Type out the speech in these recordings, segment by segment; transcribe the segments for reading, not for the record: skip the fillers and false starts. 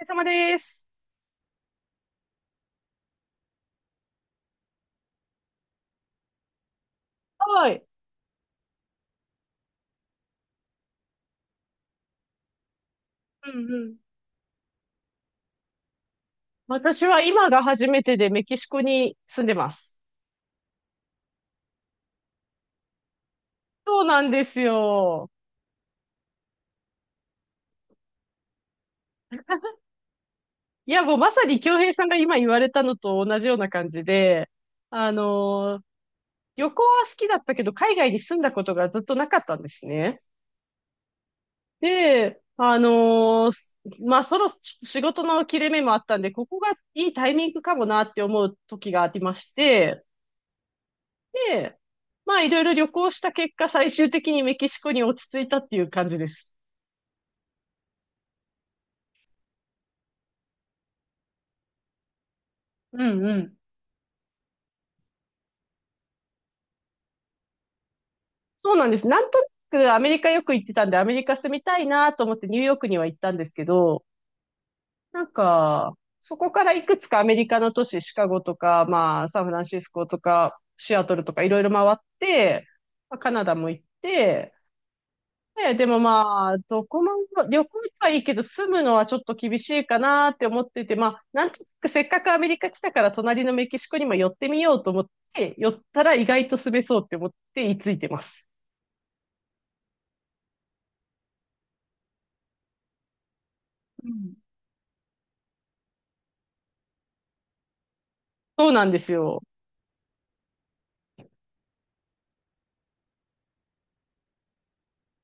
お疲れ様です。はい。うんうん。私は今が初めてでメキシコに住んでます。そうなんですよ。いや、もうまさに京平さんが今言われたのと同じような感じで、あのー旅行は好きだったけど、海外に住んだことがずっとなかったんですね。で、まあ、仕事の切れ目もあったんで、ここがいいタイミングかもなって思う時がありまして、で、まあいろいろ旅行した結果、最終的にメキシコに落ち着いたっていう感じです。うんうん。そうなんです。なんとなくアメリカよく行ってたんで、アメリカ住みたいなと思ってニューヨークには行ったんですけど、なんか、そこからいくつかアメリカの都市、シカゴとか、まあ、サンフランシスコとか、シアトルとかいろいろ回って、まあカナダも行って、ね、でもまあ、どこも、旅行はいいけど、住むのはちょっと厳しいかなって思ってて、まあ、なんとなくせっかくアメリカ来たから、隣のメキシコにも寄ってみようと思って、寄ったら意外と住めそうって思って居ついてます。うん。そうなんですよ。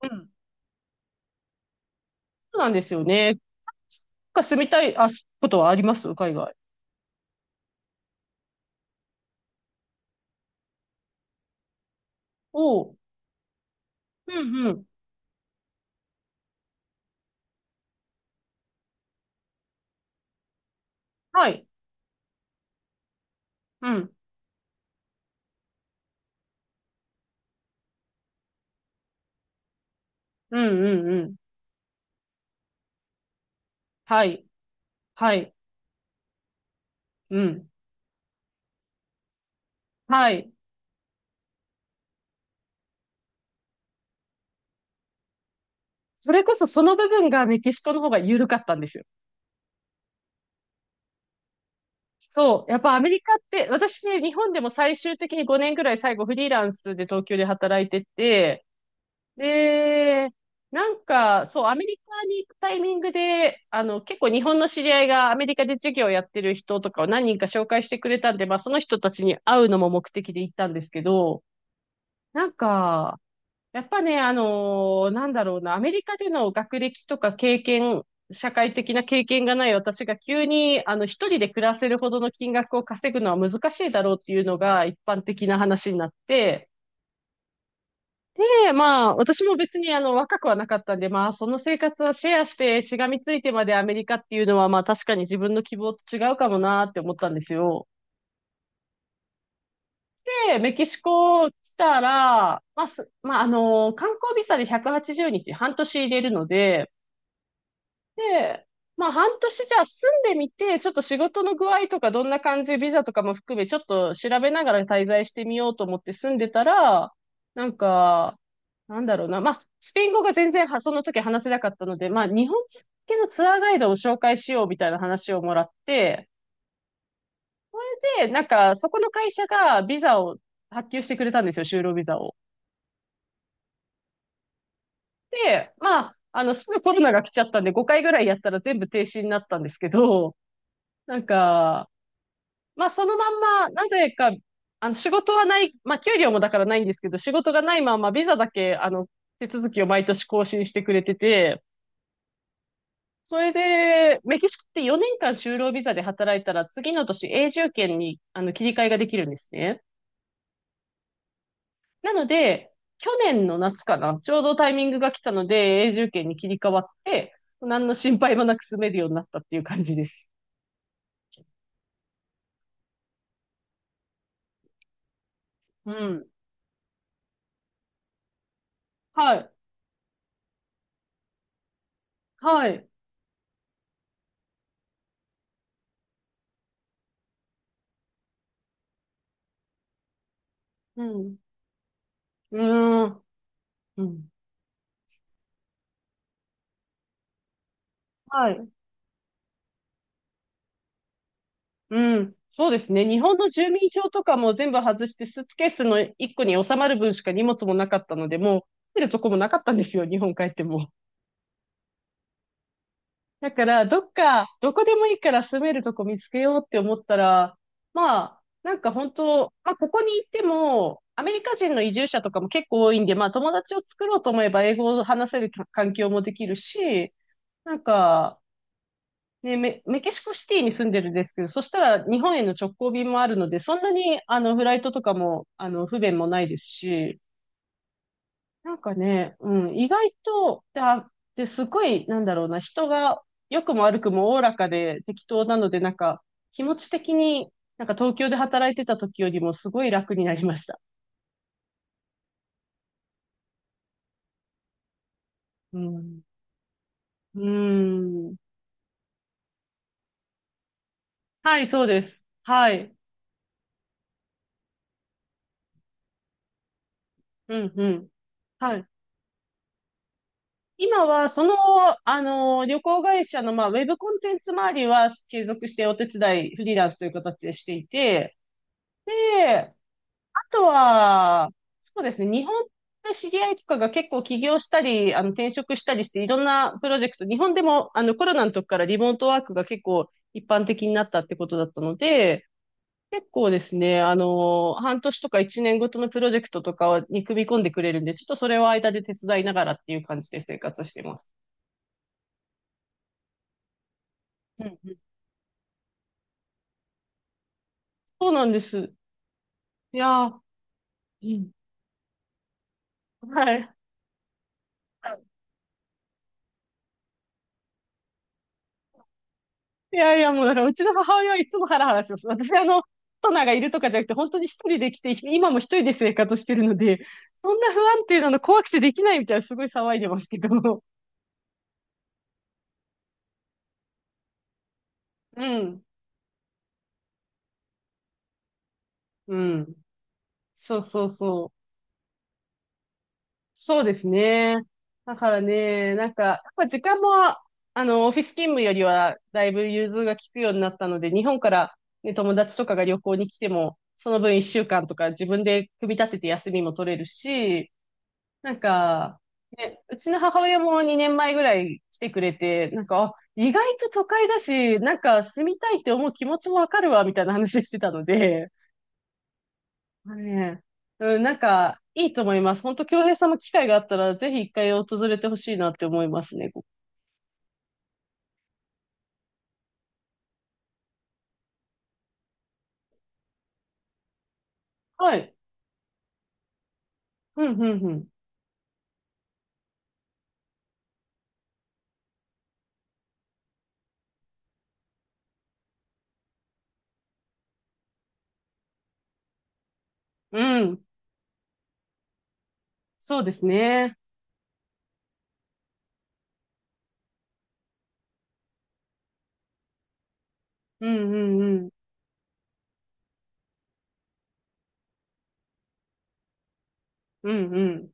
うん。そうなんですよね。なんか住みたい、あ、ことはあります海外。おう。うんうん。はい。うん。うんうんうん。はい。はい。うん。はい。それこそその部分がメキシコの方が緩かったんですよ。そう。やっぱアメリカって、私ね、日本でも最終的に5年ぐらい最後フリーランスで東京で働いてて、で、そう、アメリカに行くタイミングで、あの、結構日本の知り合いがアメリカで授業やってる人とかを何人か紹介してくれたんで、まあその人たちに会うのも目的で行ったんですけど、なんか、やっぱね、なんだろうな、アメリカでの学歴とか経験、社会的な経験がない私が急に、あの、一人で暮らせるほどの金額を稼ぐのは難しいだろうっていうのが一般的な話になって、で、まあ、私も別にあの、若くはなかったんで、まあ、その生活はシェアして、しがみついてまでアメリカっていうのは、まあ、確かに自分の希望と違うかもなって思ったんですよ。で、メキシコ来たら、まあ、観光ビザで180日、半年入れるので、で、まあ半年じゃあ住んでみて、ちょっと仕事の具合とかどんな感じ、ビザとかも含め、ちょっと調べながら滞在してみようと思って住んでたら、なんか、なんだろうな、まあ、スペイン語が全然はその時話せなかったので、まあ日本人向けのツアーガイドを紹介しようみたいな話をもらって、で、なんかそこの会社がビザを発給してくれたんですよ、就労ビザを。で、まあ、あの、すぐコロナが来ちゃったんで、5回ぐらいやったら全部停止になったんですけど、なんか、まあ、そのまんま、なぜか、あの、仕事はない、まあ、給料もだからないんですけど、仕事がないまま、ビザだけ、あの、手続きを毎年更新してくれてて、それで、メキシコって4年間就労ビザで働いたら、次の年永住権に、あの、切り替えができるんですね。なので、去年の夏かな、ちょうどタイミングが来たので、永住権に切り替わって、何の心配もなく住めるようになったっていう感じです。うん。はい。はい。うん。うーん。うん。はい。うん。そうですね。日本の住民票とかも全部外して、スーツケースの一個に収まる分しか荷物もなかったので、もう住めるとこもなかったんですよ、日本帰っても。だから、どっか、どこでもいいから住めるとこ見つけようって思ったら、まあ、なんか本当、まあ、ここに行っても、アメリカ人の移住者とかも結構多いんで、まあ、友達を作ろうと思えば英語を話せる環境もできるし、なんか、で、メキシコシティに住んでるんですけど、そしたら日本への直行便もあるので、そんなにあのフライトとかもあの不便もないですし、なんかね、うん、意外と、で、あで、すごい、なんだろうな、人が良くも悪くもおおらかで適当なので、なんか気持ち的になんか東京で働いてた時よりもすごい楽になりました。うん。うん。はい、そうです。はい。うん、うん。はい。今は、その、あの、旅行会社の、まあ、ウェブコンテンツ周りは継続してお手伝い、フリーランスという形でしていて、で、あとは、そうですね、日本で知り合いとかが結構起業したり、あの、転職したりして、いろんなプロジェクト、日本でも、あの、コロナの時からリモートワークが結構一般的になったってことだったので、結構ですね、あの、半年とか一年ごとのプロジェクトとかに組み込んでくれるんで、ちょっとそれを間で手伝いながらっていう感じで生活してます。そうなんです。いやー、うん。はい。いやいや、もうだから、うちの母親はいつもハラハラします。私、あの、パトナがいるとかじゃなくて、本当に一人で来て、今も一人で生活してるので、そんな不安定なの怖くてできないみたいな、すごい騒いでますけど。うん。うん。そうそうそう。そうですね。だからね、なんか、やっぱ時間も、あの、オフィス勤務よりは、だいぶ融通が利くようになったので、日本から、ね、友達とかが旅行に来ても、その分1週間とか自分で組み立てて休みも取れるし、なんか、ね、うちの母親も2年前ぐらい来てくれて、なんか、あ、意外と都会だし、なんか住みたいって思う気持ちもわかるわ、みたいな話してたので、ねえ。うん、なんか、いいと思います。本当、京平さんも機会があったら、ぜひ一回訪れてほしいなって思いますね。ここはい。うん、うん、うん。うん。そうですね。うん、うん、うん。うん、うん。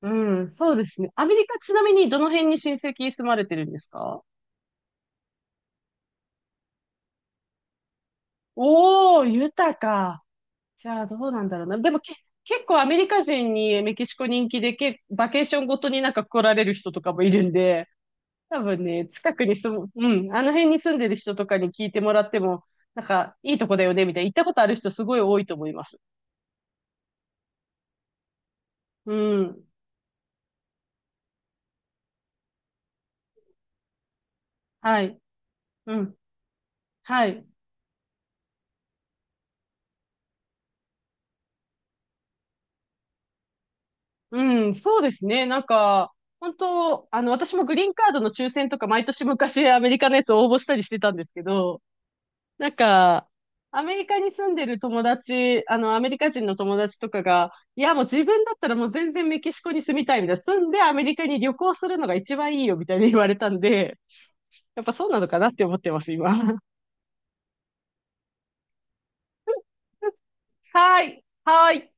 うん、そうですね。アメリカ、ちなみにどの辺に親戚住まれてるんですか？おー、豊か。じゃあ、どうなんだろうな。でもけ、結構アメリカ人にメキシコ人気で、バケーションごとになんか来られる人とかもいるんで、多分ね、近くに住む、うん、あの辺に住んでる人とかに聞いてもらっても、なんか、いいとこだよね、みたいな。行ったことある人すごい多いと思います。うん。はい。うん。はい。うん、そうですね。なんか、本当、あの、私もグリーンカードの抽選とか毎年昔アメリカのやつ応募したりしてたんですけど、なんか、アメリカに住んでる友達、あの、アメリカ人の友達とかが、いや、もう自分だったらもう全然メキシコに住みたいみたいな、住んでアメリカに旅行するのが一番いいよみたいに言われたんで、やっぱそうなのかなって思ってます、今。はい。はい。